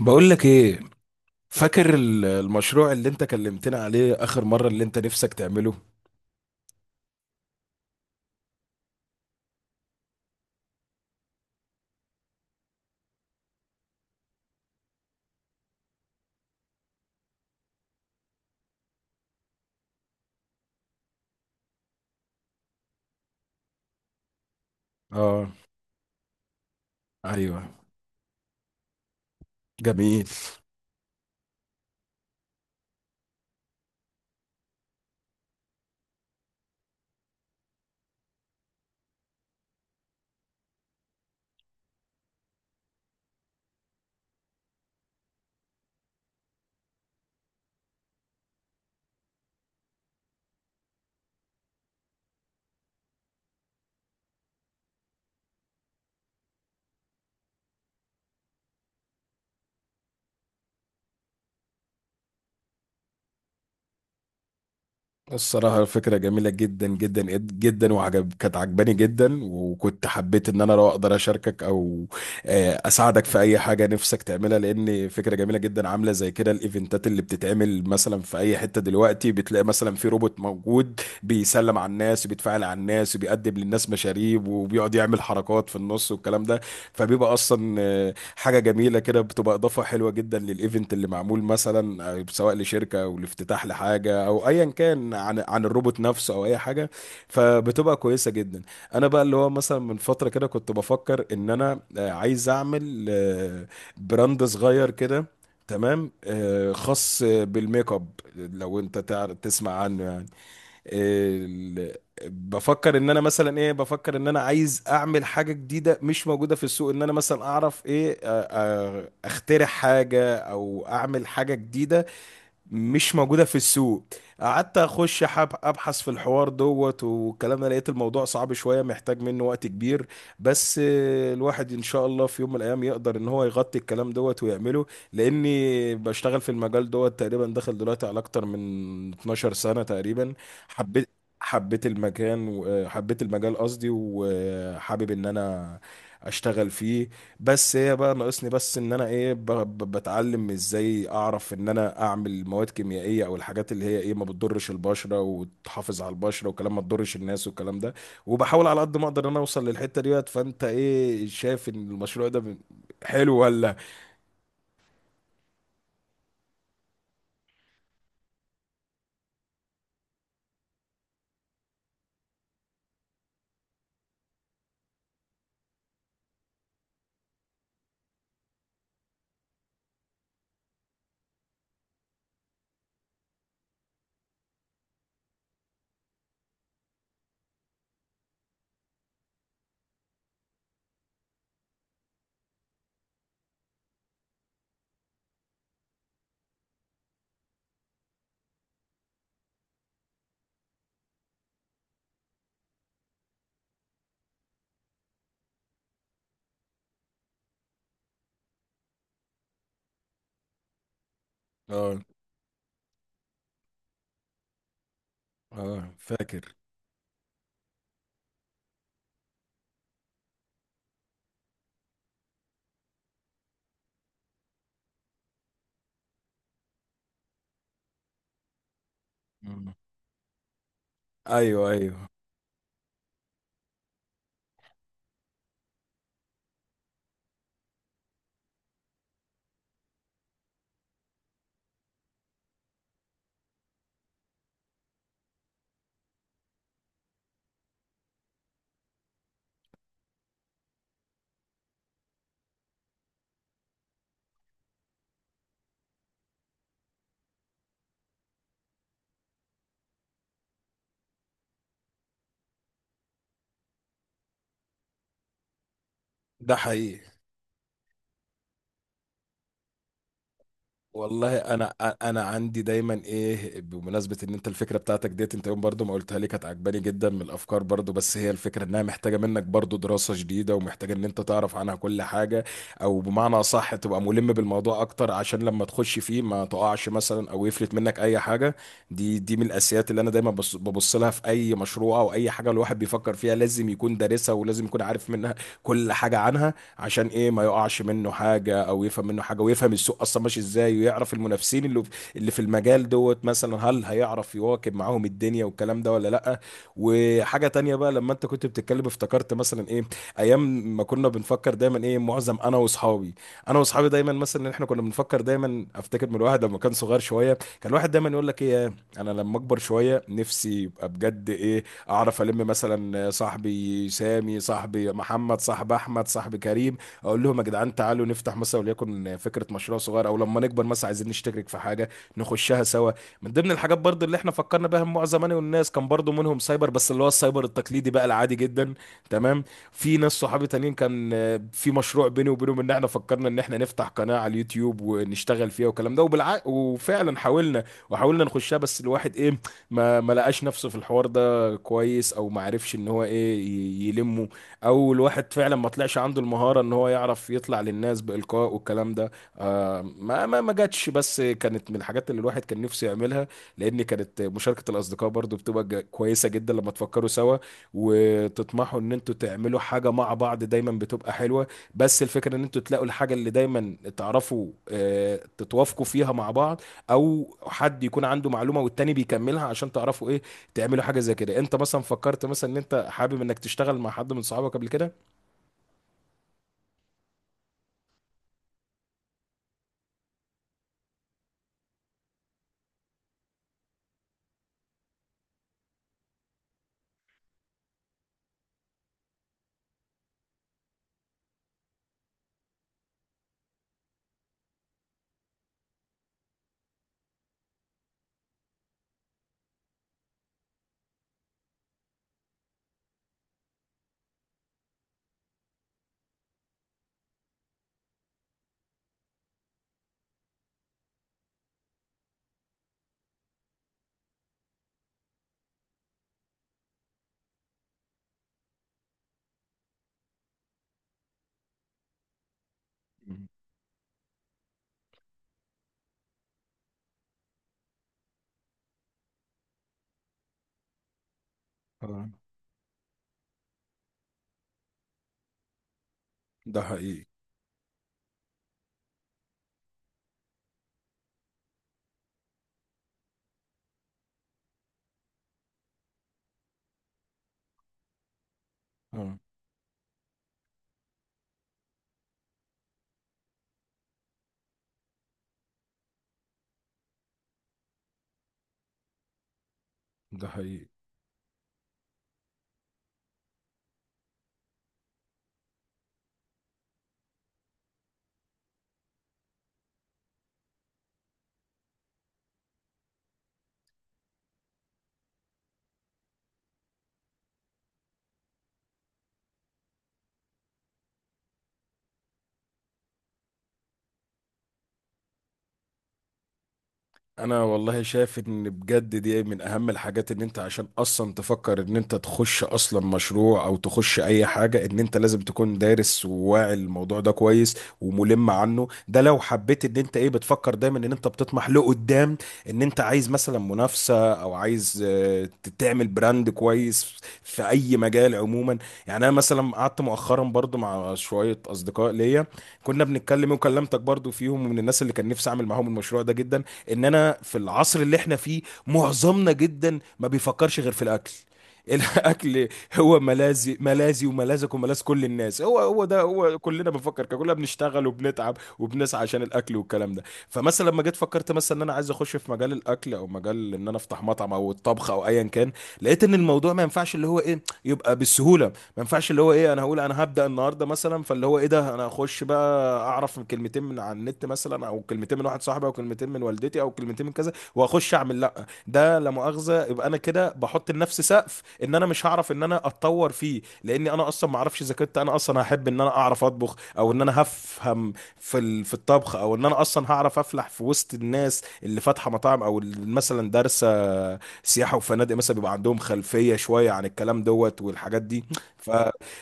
بقول لك ايه، فاكر المشروع اللي انت كلمتنا عليه اخر مرة اللي انت نفسك تعمله. اه، ايوه، جميل. الصراحة الفكرة جميلة جدا جدا جدا، كانت عجباني جدا، وكنت حبيت ان انا لو اقدر اشاركك او اساعدك في اي حاجة نفسك تعملها، لان فكرة جميلة جدا. عاملة زي كده الايفنتات اللي بتتعمل مثلا في اي حتة، دلوقتي بتلاقي مثلا في روبوت موجود بيسلم على الناس وبيتفاعل على الناس وبيقدم للناس مشاريب وبيقعد يعمل حركات في النص والكلام ده. فبيبقى اصلا حاجه جميله كده، بتبقى اضافه حلوه جدا للايفنت اللي معمول مثلا، سواء لشركه او لافتتاح لحاجه او ايا كان، عن الروبوت نفسه او اي حاجه، فبتبقى كويسه جدا. انا بقى اللي هو مثلا من فتره كده كنت بفكر ان انا عايز اعمل براند صغير كده، تمام، خاص بالميك اب، لو انت تسمع عنه يعني. ال- بفكر ان انا مثلا ايه، بفكر ان انا عايز اعمل حاجه جديده مش موجوده في السوق، ان انا مثلا اعرف ايه، اخترع حاجه او اعمل حاجه جديده مش موجودة في السوق. قعدت اخش ابحث في الحوار دوت والكلام ده، لقيت الموضوع صعب شوية، محتاج منه وقت كبير، بس الواحد ان شاء الله في يوم من الايام يقدر ان هو يغطي الكلام دوت ويعمله، لاني بشتغل في المجال دوت تقريبا، داخل دلوقتي على اكتر من 12 سنة تقريبا. حبيت، حبيت المكان وحبيت المجال قصدي، وحابب ان انا اشتغل فيه. بس هي بقى ناقصني بس ان انا ايه، بتعلم ازاي اعرف ان انا اعمل مواد كيميائيه، او الحاجات اللي هي ايه، ما بتضرش البشره وتحافظ على البشره وكلام ما تضرش الناس والكلام ده. وبحاول على قد ما اقدر ان انا اوصل للحته ديت. فانت ايه شايف ان المشروع ده حلو ولا؟ اه. اه، فاكر. مم. ايوه، ايوه. ده حقيقي. والله انا، انا عندي دايما ايه، بمناسبه ان انت الفكره بتاعتك ديت، انت يوم برضو ما قلتها لي كانت عجباني جدا من الافكار برضو، بس هي الفكره انها محتاجه منك برضو دراسه جديده، ومحتاجه ان انت تعرف عنها كل حاجه، او بمعنى اصح تبقى ملم بالموضوع اكتر عشان لما تخش فيه ما تقعش مثلا او يفلت منك اي حاجه. دي من الاساسيات اللي انا دايما ببص لها في اي مشروع او اي حاجه الواحد بيفكر فيها، لازم يكون دارسها ولازم يكون عارف منها كل حاجه عنها، عشان ايه، ما يقعش منه حاجه او يفهم منه حاجه، ويفهم السوق اصلا ماشي ازاي، ويعرف المنافسين اللي في المجال دوت مثلا، هل هيعرف يواكب معاهم الدنيا والكلام ده ولا لا. وحاجه تانية بقى، لما انت كنت بتتكلم افتكرت مثلا ايه، ايام ما كنا بنفكر دايما ايه، معظم انا واصحابي دايما مثلا، إن احنا كنا بنفكر دايما، افتكر من الواحد لما كان صغير شويه، كان الواحد دايما يقول لك ايه، انا لما اكبر شويه نفسي يبقى بجد ايه، اعرف الم مثلا صاحبي سامي، صاحبي محمد، صاحب احمد، صاحب كريم، اقول لهم يا جدعان تعالوا نفتح مثلا وليكن فكره مشروع صغير، او لما نكبر مثلا عايزين نشترك في حاجه نخشها سوا. من ضمن الحاجات برضو اللي احنا فكرنا بها مجموعه زماني والناس، كان برضو منهم سايبر، بس اللي هو السايبر التقليدي بقى العادي جدا، تمام. في ناس صحابي تانيين كان في مشروع بيني وبينهم ان احنا فكرنا ان احنا نفتح قناه على اليوتيوب ونشتغل فيها والكلام ده، وفعلا حاولنا، نخشها بس الواحد ايه، ما لقاش نفسه في الحوار ده كده كويس، او ما عرفش ان هو ايه يلمه، او الواحد فعلا ما طلعش عنده المهارة ان هو يعرف يطلع للناس بإلقاء والكلام ده. ما جاتش، بس كانت من الحاجات اللي الواحد كان نفسه يعملها، لان كانت مشاركة الاصدقاء برضو بتبقى كويسة جدا لما تفكروا سوا وتطمحوا ان انتوا تعملوا حاجة مع بعض، دايما بتبقى حلوة. بس الفكرة ان انتوا تلاقوا الحاجة اللي دايما تعرفوا تتوافقوا فيها مع بعض، او حد يكون عنده معلومة والتاني بيكملها عشان تعرفوا ايه تعملوا حاجة زي كده. انت مثلا فكرت مثلا ان انت حابب انك تشتغل مع حد من صحابك قبل كده؟ مم. اه، ده حقيقي. اه، ده حقيقي. انا والله شايف ان بجد دي من اهم الحاجات، ان انت عشان اصلا تفكر ان انت تخش اصلا مشروع او تخش اي حاجة، ان انت لازم تكون دارس وواعي الموضوع ده كويس وملم عنه، ده لو حبيت ان انت ايه، بتفكر دايما ان انت بتطمح لقدام، ان انت عايز مثلا منافسة او عايز تعمل براند كويس في اي مجال عموما. يعني انا مثلا قعدت مؤخرا برضو مع شوية اصدقاء ليا كنا بنتكلم، وكلمتك برضو فيهم ومن الناس اللي كان نفسي اعمل معاهم المشروع ده جدا. ان انا في العصر اللي احنا فيه معظمنا جدا ما بيفكرش غير في الاكل، الاكل هو ملاذي، ملاذي وملاذك وملاذ كل الناس، هو ده كلنا بنفكر كده، كلنا بنشتغل وبنتعب وبنسعى عشان الاكل والكلام ده. فمثلا لما جيت فكرت مثلا ان انا عايز اخش في مجال الاكل، او مجال ان انا افتح مطعم او الطبخ او ايا كان، لقيت ان الموضوع ما ينفعش اللي هو ايه يبقى بالسهوله، ما ينفعش اللي هو ايه، انا هقول انا هبدأ النهارده مثلا، فاللي هو ايه ده، انا اخش بقى اعرف من كلمتين من على النت مثلا، او كلمتين من واحد صاحبي، او كلمتين من والدتي، او كلمتين من كذا، واخش اعمل، لا ده لا مؤاخذه يبقى انا كده بحط لنفسي سقف ان انا مش هعرف ان انا اتطور فيه، لاني انا اصلا ما اعرفش اذا كنت انا اصلا هحب ان انا اعرف اطبخ، او ان انا هفهم في الطبخ، او ان انا اصلا هعرف افلح في وسط الناس اللي فاتحه مطاعم او اللي مثلا دارسه سياحه وفنادق، مثلا بيبقى عندهم خلفيه شويه عن الكلام دوت والحاجات دي. ف...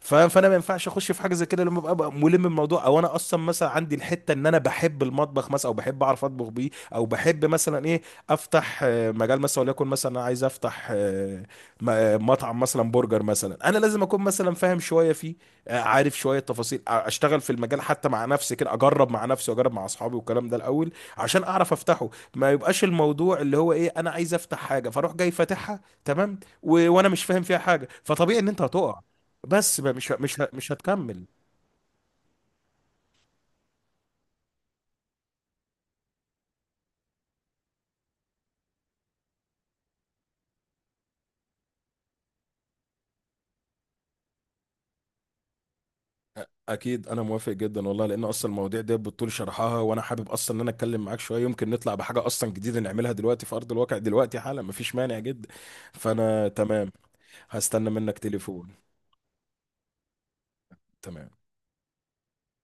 فانا ما ينفعش اخش في حاجه زي كده لما ابقى ملم الموضوع، او انا اصلا مثلا عندي الحته ان انا بحب المطبخ مثلا، او بحب اعرف اطبخ بيه، او بحب مثلا ايه، افتح مجال مثلا وليكن مثلا انا عايز افتح مطعم مثلا، برجر مثلا، انا لازم اكون مثلا فاهم شويه فيه، عارف شويه تفاصيل، اشتغل في المجال، حتى مع نفسي كده، اجرب مع نفسي واجرب مع اصحابي والكلام ده الاول عشان اعرف افتحه، ما يبقاش الموضوع اللي هو ايه، انا عايز افتح حاجه فاروح جاي فاتحها تمام، وانا مش فاهم فيها حاجه، فطبيعي ان انت هتقع. بس بقى مش هتكمل. اكيد انا موافق جدا والله، لان اصلا المواضيع دي بالطول شرحها، وانا حابب اصلا ان انا اتكلم معاك شويه، يمكن نطلع بحاجه اصلا جديده نعملها دلوقتي في ارض الواقع دلوقتي حالا، مفيش مانع جدا، فانا تمام. هستنى منك تليفون. تمام.